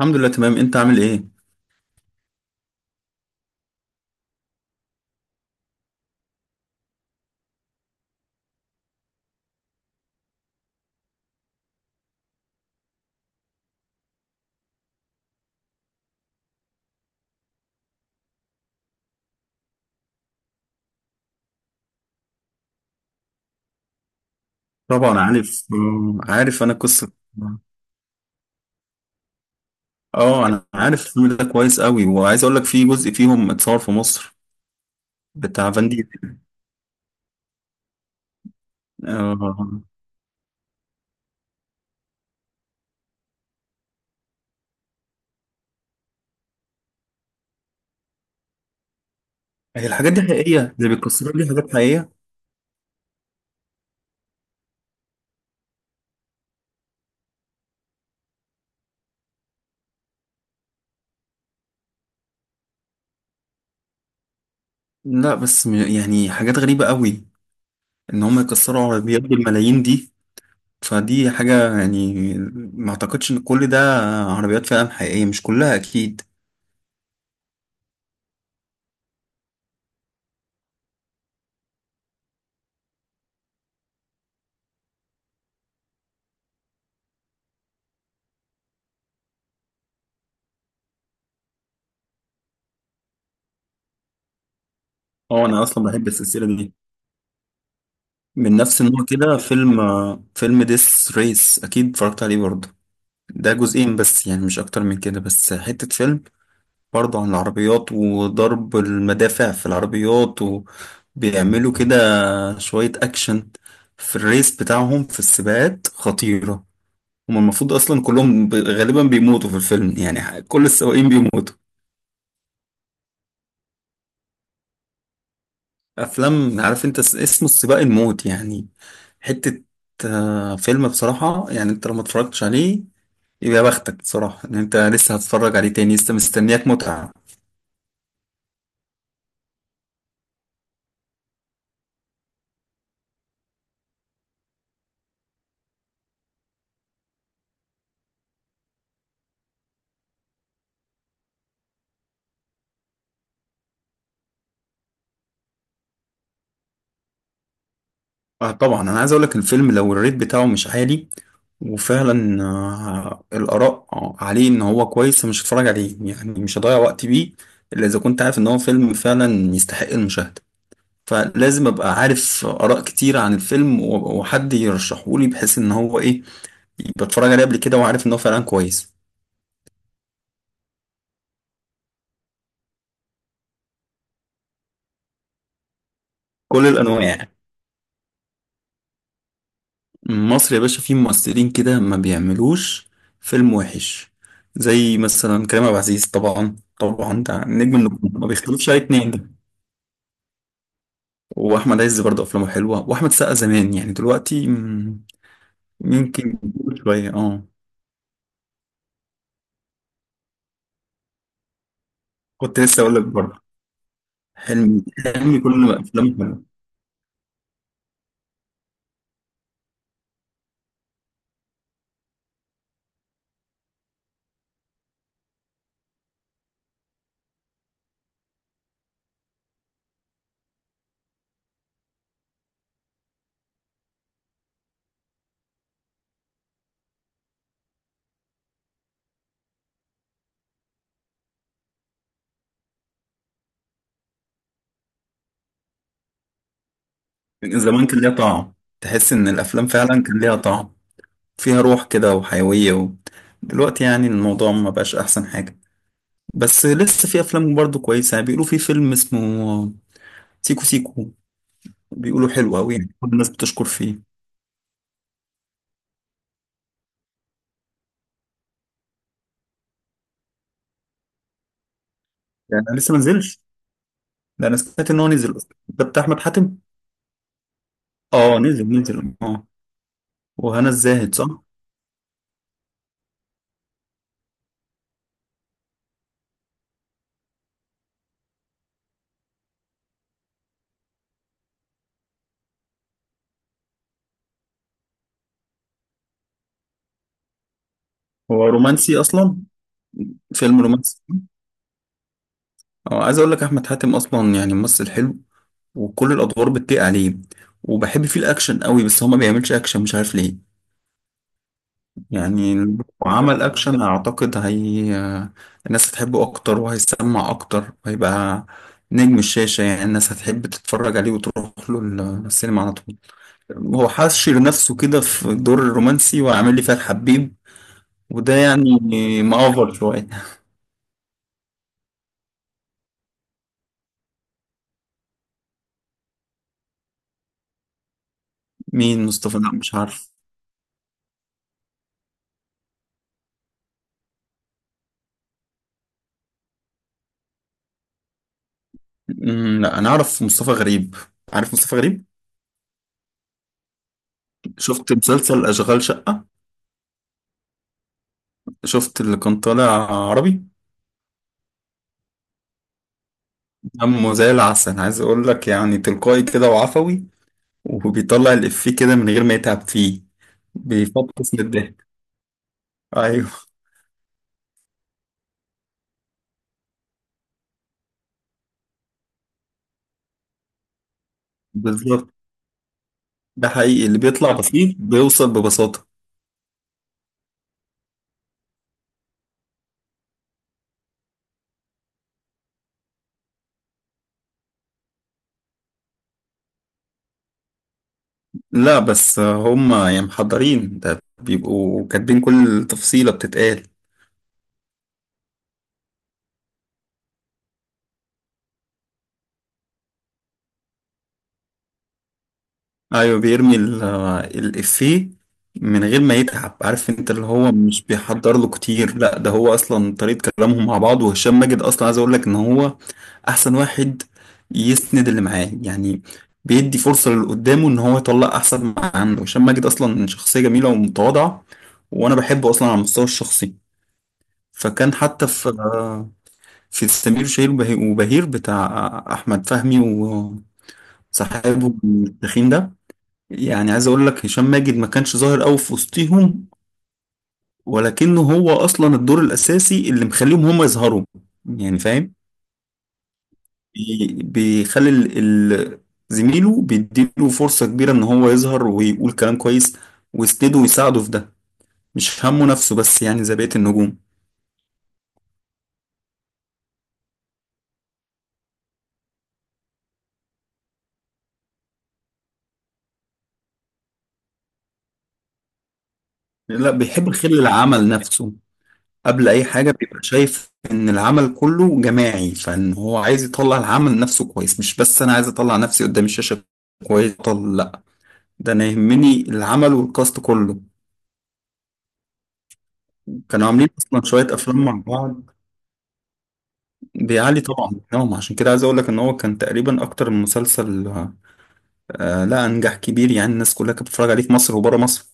الحمد لله تمام. انت عامل ايه؟ طبعا عارف، عارف انا القصه. اه، انا عارف الفيلم ده كويس قوي، وعايز اقول لك في جزء فيهم اتصور في مصر، بتاع فان ديزل آه. هي الحاجات دي حقيقيه؟ اللي بيكسروا دي حاجات حقيقيه؟ لا، بس يعني حاجات غريبه قوي، ان هم يكسروا عربيات بالملايين دي. فدي حاجه يعني، ما اعتقدش ان كل ده عربيات فعلا حقيقيه، مش كلها اكيد. اه، انا اصلا بحب السلسله دي، من نفس النوع كده. فيلم ديس ريس اكيد اتفرجت عليه برضه. ده جزئين بس يعني، مش اكتر من كده. بس حتة فيلم برضه عن العربيات وضرب المدافع في العربيات، وبيعملوا كده شوية اكشن في الريس بتاعهم، في السباقات خطيرة. هما المفروض اصلا كلهم غالبا بيموتوا في الفيلم، يعني كل السواقين بيموتوا. افلام، عارف انت، اسمه السباق الموت يعني. حتة فيلم بصراحة، يعني انت لو ما اتفرجتش عليه، يا بختك بصراحة ان انت لسه هتتفرج عليه تاني، لسه مستنياك متعة. طبعا انا عايز اقولك الفيلم، لو الريت بتاعه مش عالي، وفعلا الاراء عليه ان هو كويس، مش هتفرج عليه يعني، مش هضيع وقتي بيه. الا اذا كنت عارف ان هو فيلم فعلا يستحق المشاهدة، فلازم ابقى عارف اراء كتير عن الفيلم، وحد يرشحه لي، بحيث ان هو ايه، يبقى اتفرج عليه قبل كده وعارف ان هو فعلا كويس. كل الانواع. مصر يا باشا فيه ممثلين كده ما بيعملوش فيلم وحش، زي مثلا كريم عبد العزيز. طبعا طبعا، ده نجم النجوم، ما بيختلفش عليه اتنين ده. واحمد عز برضه افلامه حلوه، واحمد سقا زمان يعني، دلوقتي يمكن شويه، اه. كنت لسه اقول لك برضه، حلمي، حلمي كل ما افلامه حلوه. زمان كان ليها طعم، تحس ان الافلام فعلا كان ليها طعم، فيها روح كده وحيويه و. دلوقتي يعني الموضوع ما بقاش احسن حاجه، بس لسه في افلام برضو كويسه. يعني بيقولوا في فيلم اسمه سيكو سيكو، بيقولوا حلو قوي يعني، كل الناس بتشكر فيه. يعني أنا لسه ما نزلش. ده انا سمعت ان هو نزل أصلاً، ده بتاع احمد حاتم. اه، نزل نزل، اه. وهنا الزاهد صح؟ هو رومانسي اصلا، فيلم رومانسي. اه، عايز اقول لك احمد حاتم اصلا يعني ممثل حلو، وكل الادوار بتليق عليه. وبحب فيه الاكشن قوي، بس هو ما بيعملش اكشن، مش عارف ليه. يعني لو عمل اكشن اعتقد هي الناس هتحبه اكتر وهيسمع اكتر وهيبقى نجم الشاشة، يعني الناس هتحب تتفرج عليه وتروح له السينما على طول. هو حاشر نفسه كده في الدور الرومانسي وعامل لي فيها الحبيب، وده يعني مأفر شوية. مين مصطفى؟ لا مش عارف. لا، انا اعرف مصطفى غريب، عارف مصطفى غريب. شفت مسلسل اشغال شقة؟ شفت اللي كان طالع عربي؟ دمه زي العسل، عايز اقول لك يعني تلقائي كده وعفوي، وبيطلع الإفيه كده من غير ما يتعب فيه. بيفطس من الضحك. أيوه. بالظبط، ده حقيقي، اللي بيطلع بسيط بيوصل ببساطة. لا بس هم يعني محضرين، ده بيبقوا كاتبين كل تفصيلة بتتقال. ايوه، بيرمي الافيه من غير ما يتعب، عارف انت اللي هو مش بيحضر له كتير. لا، ده هو اصلا طريقة كلامهم مع بعض، وهشام ماجد اصلا عايز اقول لك ان هو احسن واحد يسند اللي معاه يعني، بيدي فرصة للي قدامه ان هو يطلع احسن ما عنده. هشام ماجد اصلا شخصية جميلة ومتواضعة، وانا بحبه اصلا على المستوى الشخصي. فكان حتى في سمير وشهير وبهير بتاع احمد فهمي، وصاحبه التخين ده. يعني عايز اقول لك هشام ماجد ما كانش ظاهر قوي في وسطيهم، ولكنه هو اصلا الدور الاساسي اللي مخليهم هم يظهروا يعني فاهم. بيخلي ال- زميله بيديله فرصة كبيرة ان هو يظهر ويقول كلام كويس، ويسنده ويساعده في ده، مش همه نفسه بس يعني زي بقية النجوم. لا، بيحب خير العمل نفسه، قبل اي حاجة بيبقى شايف ان العمل كله جماعي، فان هو عايز يطلع العمل نفسه كويس، مش بس انا عايز اطلع نفسي قدام الشاشة كويس. لا، ده انا يهمني العمل والكاست كله. كانوا عاملين اصلا شويه افلام مع بعض، بيعلي طبعا مستواهم. عشان كده عايز اقول لك ان هو كان تقريبا اكتر من مسلسل، لا انجح كبير يعني، الناس كلها كانت بتتفرج عليه في مصر وبره مصر.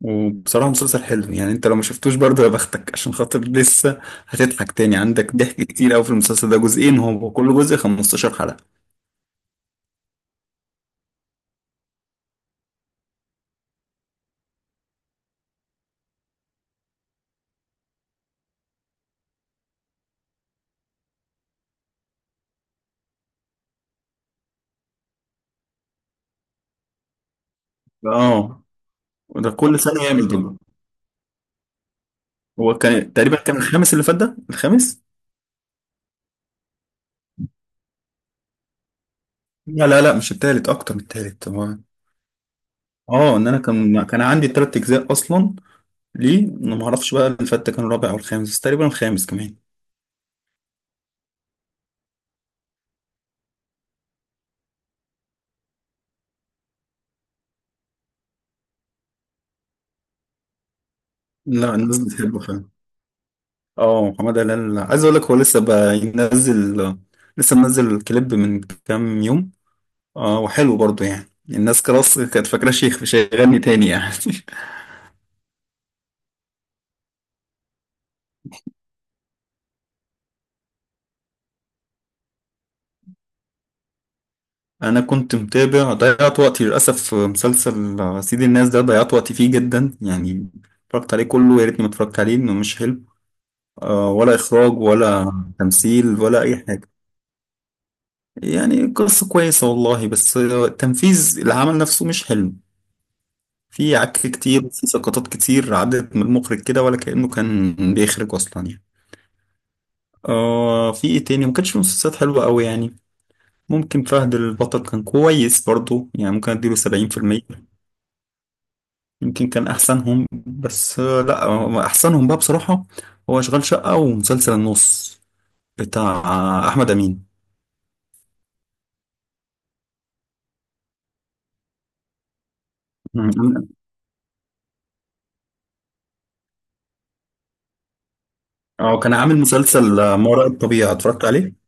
وبصراحه مسلسل حلو يعني، انت لو ما شفتوش برضه يا بختك، عشان خاطر لسه هتضحك تاني. عندك ضحك كتير قوي في المسلسل ده. جزئين، هو كل جزء 15 حلقه. اه، وده كل سنه يعمل كده. هو كان تقريبا الخامس اللي فات، ده الخامس. لا لا لا، مش التالت، اكتر من التالت هو. اه، ان انا كان عندي 3 اجزاء اصلا. ليه انا ما اعرفش بقى الفتة كان الرابع او الخامس، بس تقريبا الخامس كمان. لا، الناس بتحبه فعلا. اه، محمد هلال عايز اقول لك هو لسه بقى ينزل، لسه منزل كليب من كام يوم. اه، وحلو برضه يعني، الناس خلاص كانت فاكرة شيخ مش هيغني تاني يعني. انا كنت متابع، ضيعت وقتي للاسف في مسلسل سيد الناس، ده ضيعت وقتي فيه جدا يعني. اتفرجت عليه كله، يا ريتني ما اتفرجت عليه، انه مش حلو، ولا اخراج ولا تمثيل ولا اي حاجه. يعني قصة كويسة والله، بس تنفيذ العمل نفسه مش حلو. في عك كتير، في سقطات كتير عدت من المخرج كده، ولا كأنه كان بيخرج أصلا يعني. في إيه تاني، ما كانش في مسلسلات حلوة أوي يعني. ممكن فهد البطل كان كويس برضو يعني، ممكن أديله 70%. يمكن كان أحسنهم، بس لأ، أحسنهم بقى بصراحة هو أشغال شقة ومسلسل النص بتاع أحمد أمين. مم. اه، كان عامل مسلسل ما وراء الطبيعة، اتفرجت عليه؟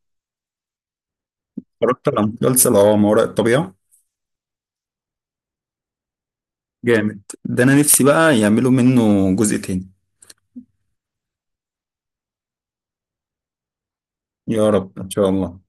اتفرجت على مسلسل ما وراء الطبيعة. جامد، ده انا نفسي بقى يعملوا منه جزء تاني. يا رب ان شاء الله.